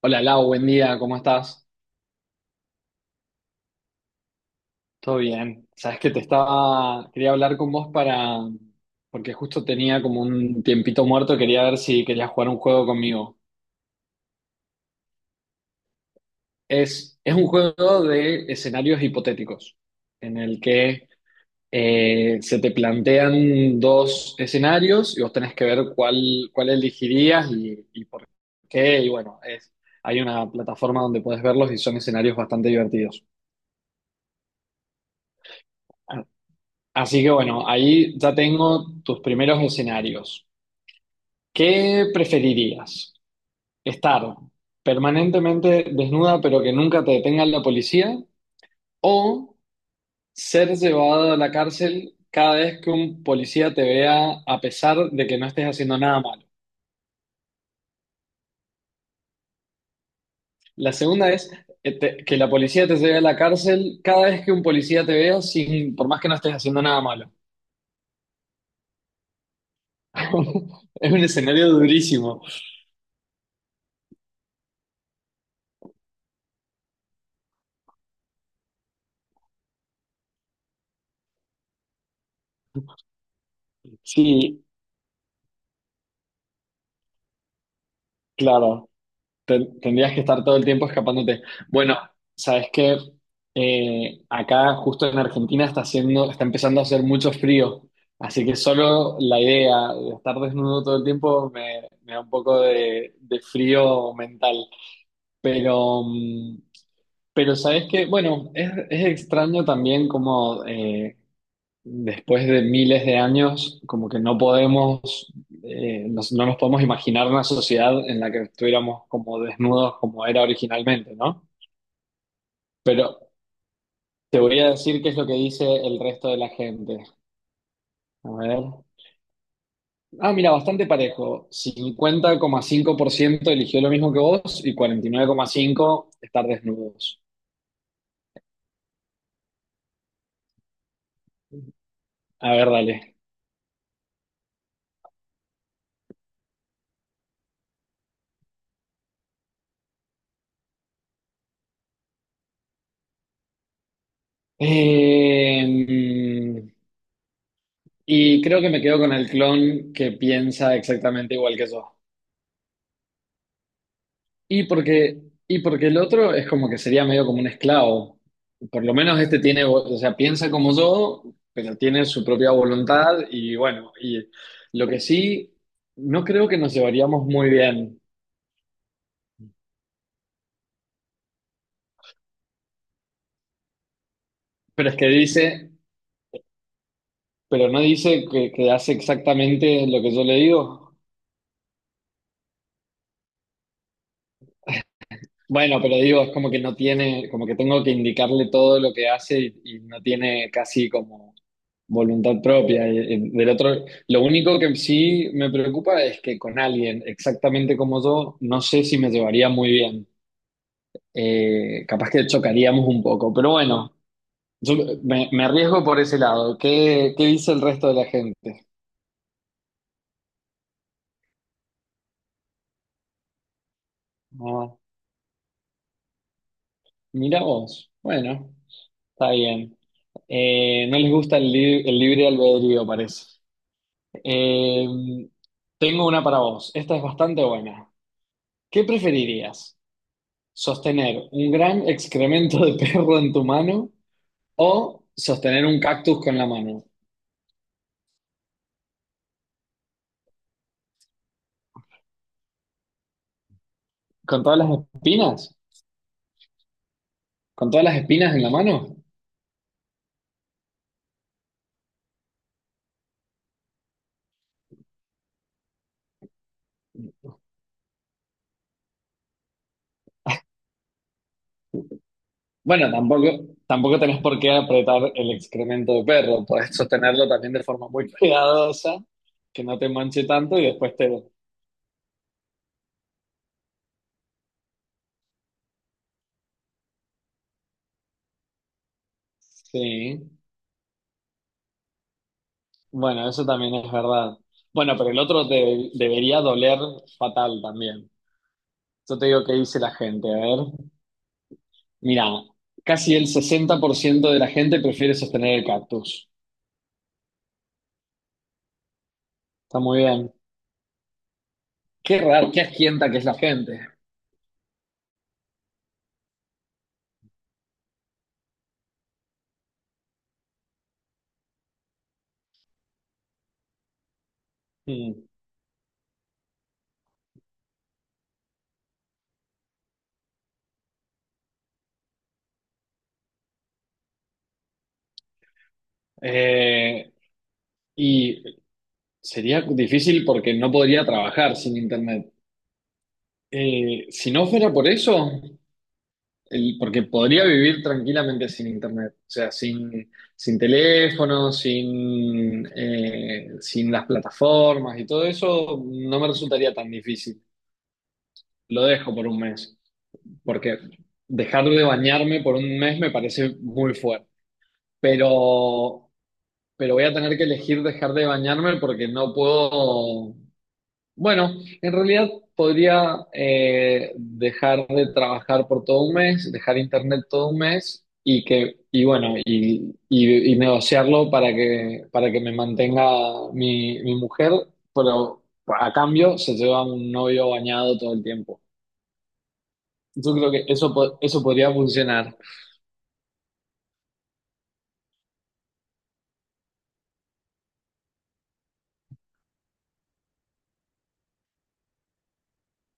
Hola Lau, buen día, ¿cómo estás? Todo bien. Sabes que te quería hablar con vos porque justo tenía como un tiempito muerto, quería ver si querías jugar un juego conmigo. Es un juego de escenarios hipotéticos, en el que se te plantean dos escenarios y vos tenés que ver cuál elegirías y por qué. Y bueno, hay una plataforma donde podés verlos y son escenarios bastante divertidos. Así que bueno, ahí ya tengo tus primeros escenarios. ¿Qué preferirías? ¿Estar permanentemente desnuda pero que nunca te detenga la policía? ¿O ser llevada a la cárcel cada vez que un policía te vea a pesar de que no estés haciendo nada malo? La segunda es que la policía te lleve a la cárcel cada vez que un policía te vea sin, por más que no estés haciendo nada malo. Es un escenario durísimo. Sí, claro. Tendrías que estar todo el tiempo escapándote. Bueno, sabes que acá justo en Argentina está empezando a hacer mucho frío, así que solo la idea de estar desnudo todo el tiempo me da un poco de frío mental. Pero, mm, pero sabes que, bueno, es extraño también como después de miles de años, como que no podemos, no nos podemos imaginar una sociedad en la que estuviéramos como desnudos como era originalmente, ¿no? Pero te voy a decir qué es lo que dice el resto de la gente. A ver. Ah, mira, bastante parejo. 50,5% eligió lo mismo que vos y 49,5% estar desnudos. A ver, dale. Eh, y creo que me quedo con el clon que piensa exactamente igual que yo. Y porque, y porque el otro es como que sería medio como un esclavo. Por lo menos este tiene, o sea, piensa como yo, pero tiene su propia voluntad y bueno, y lo que sí, no creo que nos llevaríamos muy bien, pero es que dice, pero no dice que hace exactamente lo que yo le digo. Bueno, pero digo, es como que no tiene, como que tengo que indicarle todo lo que hace y no tiene casi como voluntad propia. Y del otro, lo único que sí me preocupa es que con alguien exactamente como yo, no sé si me llevaría muy bien. Capaz que chocaríamos un poco, pero bueno, yo me arriesgo por ese lado. ¿Qué dice el resto de la gente? Ah, mira vos. Bueno, está bien. No les gusta el libre albedrío, parece. Eh, tengo una para vos. Esta es bastante buena. ¿Qué preferirías? Sostener un gran excremento de perro en tu mano o sostener un cactus con la mano. ¿Con todas las espinas? ¿Con todas las espinas en la mano? Bueno, tampoco tenés por qué apretar el excremento de perro. Podés sostenerlo también de forma muy cuidadosa, que no te manche tanto y después te... Sí, bueno, eso también es verdad. Bueno, pero el otro te debería doler fatal también. Yo te digo qué dice la gente, a ver. Mira, casi el 60% de la gente prefiere sostener el cactus. Está muy bien. Qué raro, qué asquienta que es la gente. Mm. Eh, y sería difícil porque no podría trabajar sin internet. Si no fuera por eso, porque podría vivir tranquilamente sin internet. O sea, sin teléfono, sin las plataformas y todo eso, no me resultaría tan difícil. Lo dejo por un mes, porque dejar de bañarme por un mes me parece muy fuerte, pero, pero voy a tener que elegir dejar de bañarme porque no puedo, bueno, en realidad podría dejar de trabajar por todo un mes, dejar internet todo un mes y que, y bueno, y negociarlo para que me mantenga mi mujer, pero a cambio se lleva un novio bañado todo el tiempo. Yo creo que eso, eso podría funcionar.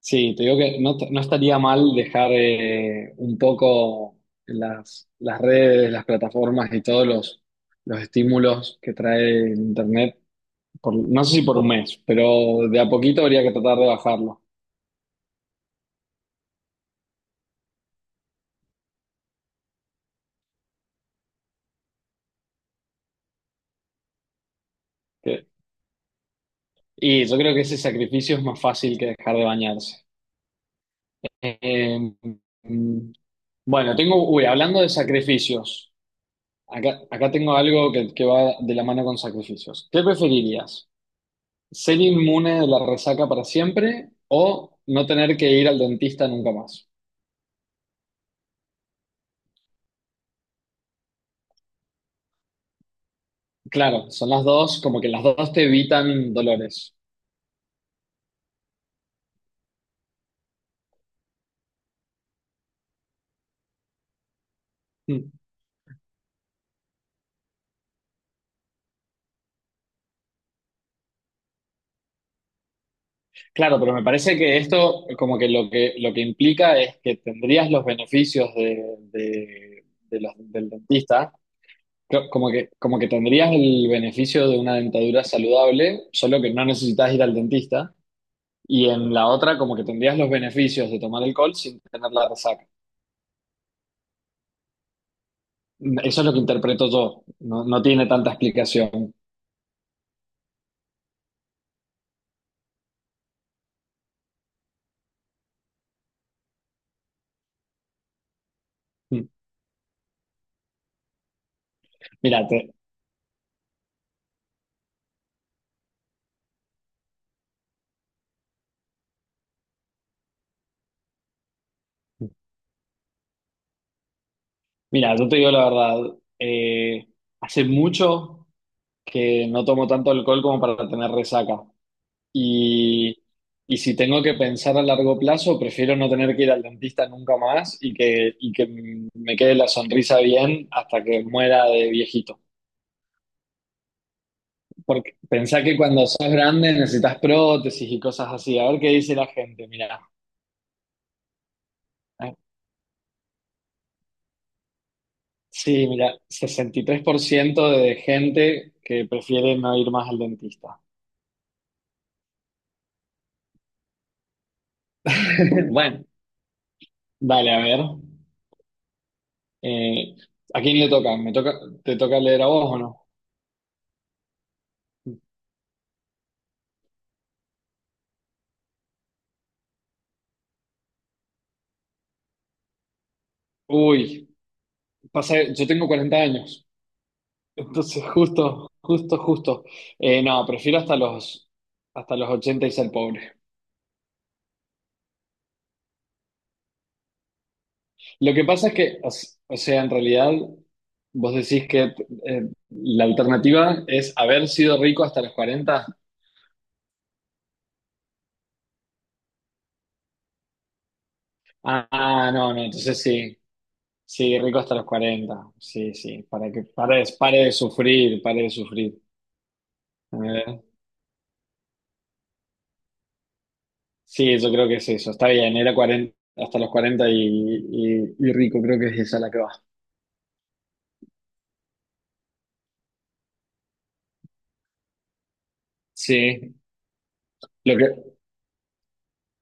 Sí, te digo que no, no estaría mal dejar un poco las redes, las plataformas y todos los estímulos que trae el Internet, no sé si por un mes, pero de a poquito habría que tratar de bajarlo. Que- Y yo creo que ese sacrificio es más fácil que dejar de bañarse. Eh, mm, bueno, tengo, uy, hablando de sacrificios, acá tengo algo que va de la mano con sacrificios. ¿Qué preferirías? ¿Ser inmune de la resaca para siempre o no tener que ir al dentista nunca más? Claro, son las dos, como que las dos te evitan dolores. Mm. Claro, pero me parece que esto como que lo que implica es que tendrías los beneficios del dentista, como que tendrías el beneficio de una dentadura saludable, solo que no necesitas ir al dentista, y en la otra como que tendrías los beneficios de tomar alcohol sin tener la resaca. Eso es lo que interpreto yo. No, no tiene tanta explicación. Mira, te- mira, yo te digo la verdad. Eh, hace mucho que no tomo tanto alcohol como para tener resaca. Y, y si tengo que pensar a largo plazo, prefiero no tener que ir al dentista nunca más y que me quede la sonrisa bien hasta que muera de viejito. Porque pensá que cuando sos grande necesitas prótesis y cosas así. A ver qué dice la gente. Mira. ¿Eh? Sí, mira, 63% de gente que prefiere no ir más al dentista. Bueno, dale, a ver. Eh, ¿A quién le toca? Te toca leer a vos o no? Uy, pasa, yo tengo 40 años, entonces justo, justo, justo. No, prefiero hasta los 80 y ser pobre. Lo que pasa es que, o sea, en realidad, vos decís que la alternativa es haber sido rico hasta los 40. Ah, no, no, entonces sí. Sí, rico hasta los 40. Sí, sí, para que pare, pare de sufrir, pare de sufrir. A ver. Sí, yo creo que es eso. Está bien, era 40 hasta los 40 y rico, creo que es esa la que va. Sí, lo que,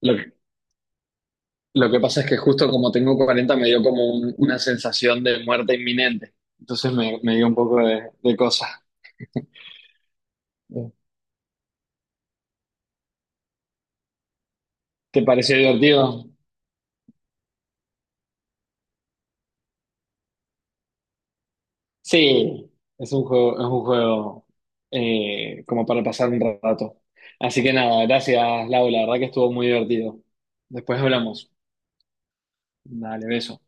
lo que, lo que pasa es que justo como tengo 40 me dio como una sensación de muerte inminente. Entonces me dio un poco de cosa. ¿Te pareció divertido? Sí, es un juego como para pasar un rato. Así que nada, gracias, Lau, la verdad que estuvo muy divertido. Después hablamos. Dale, beso.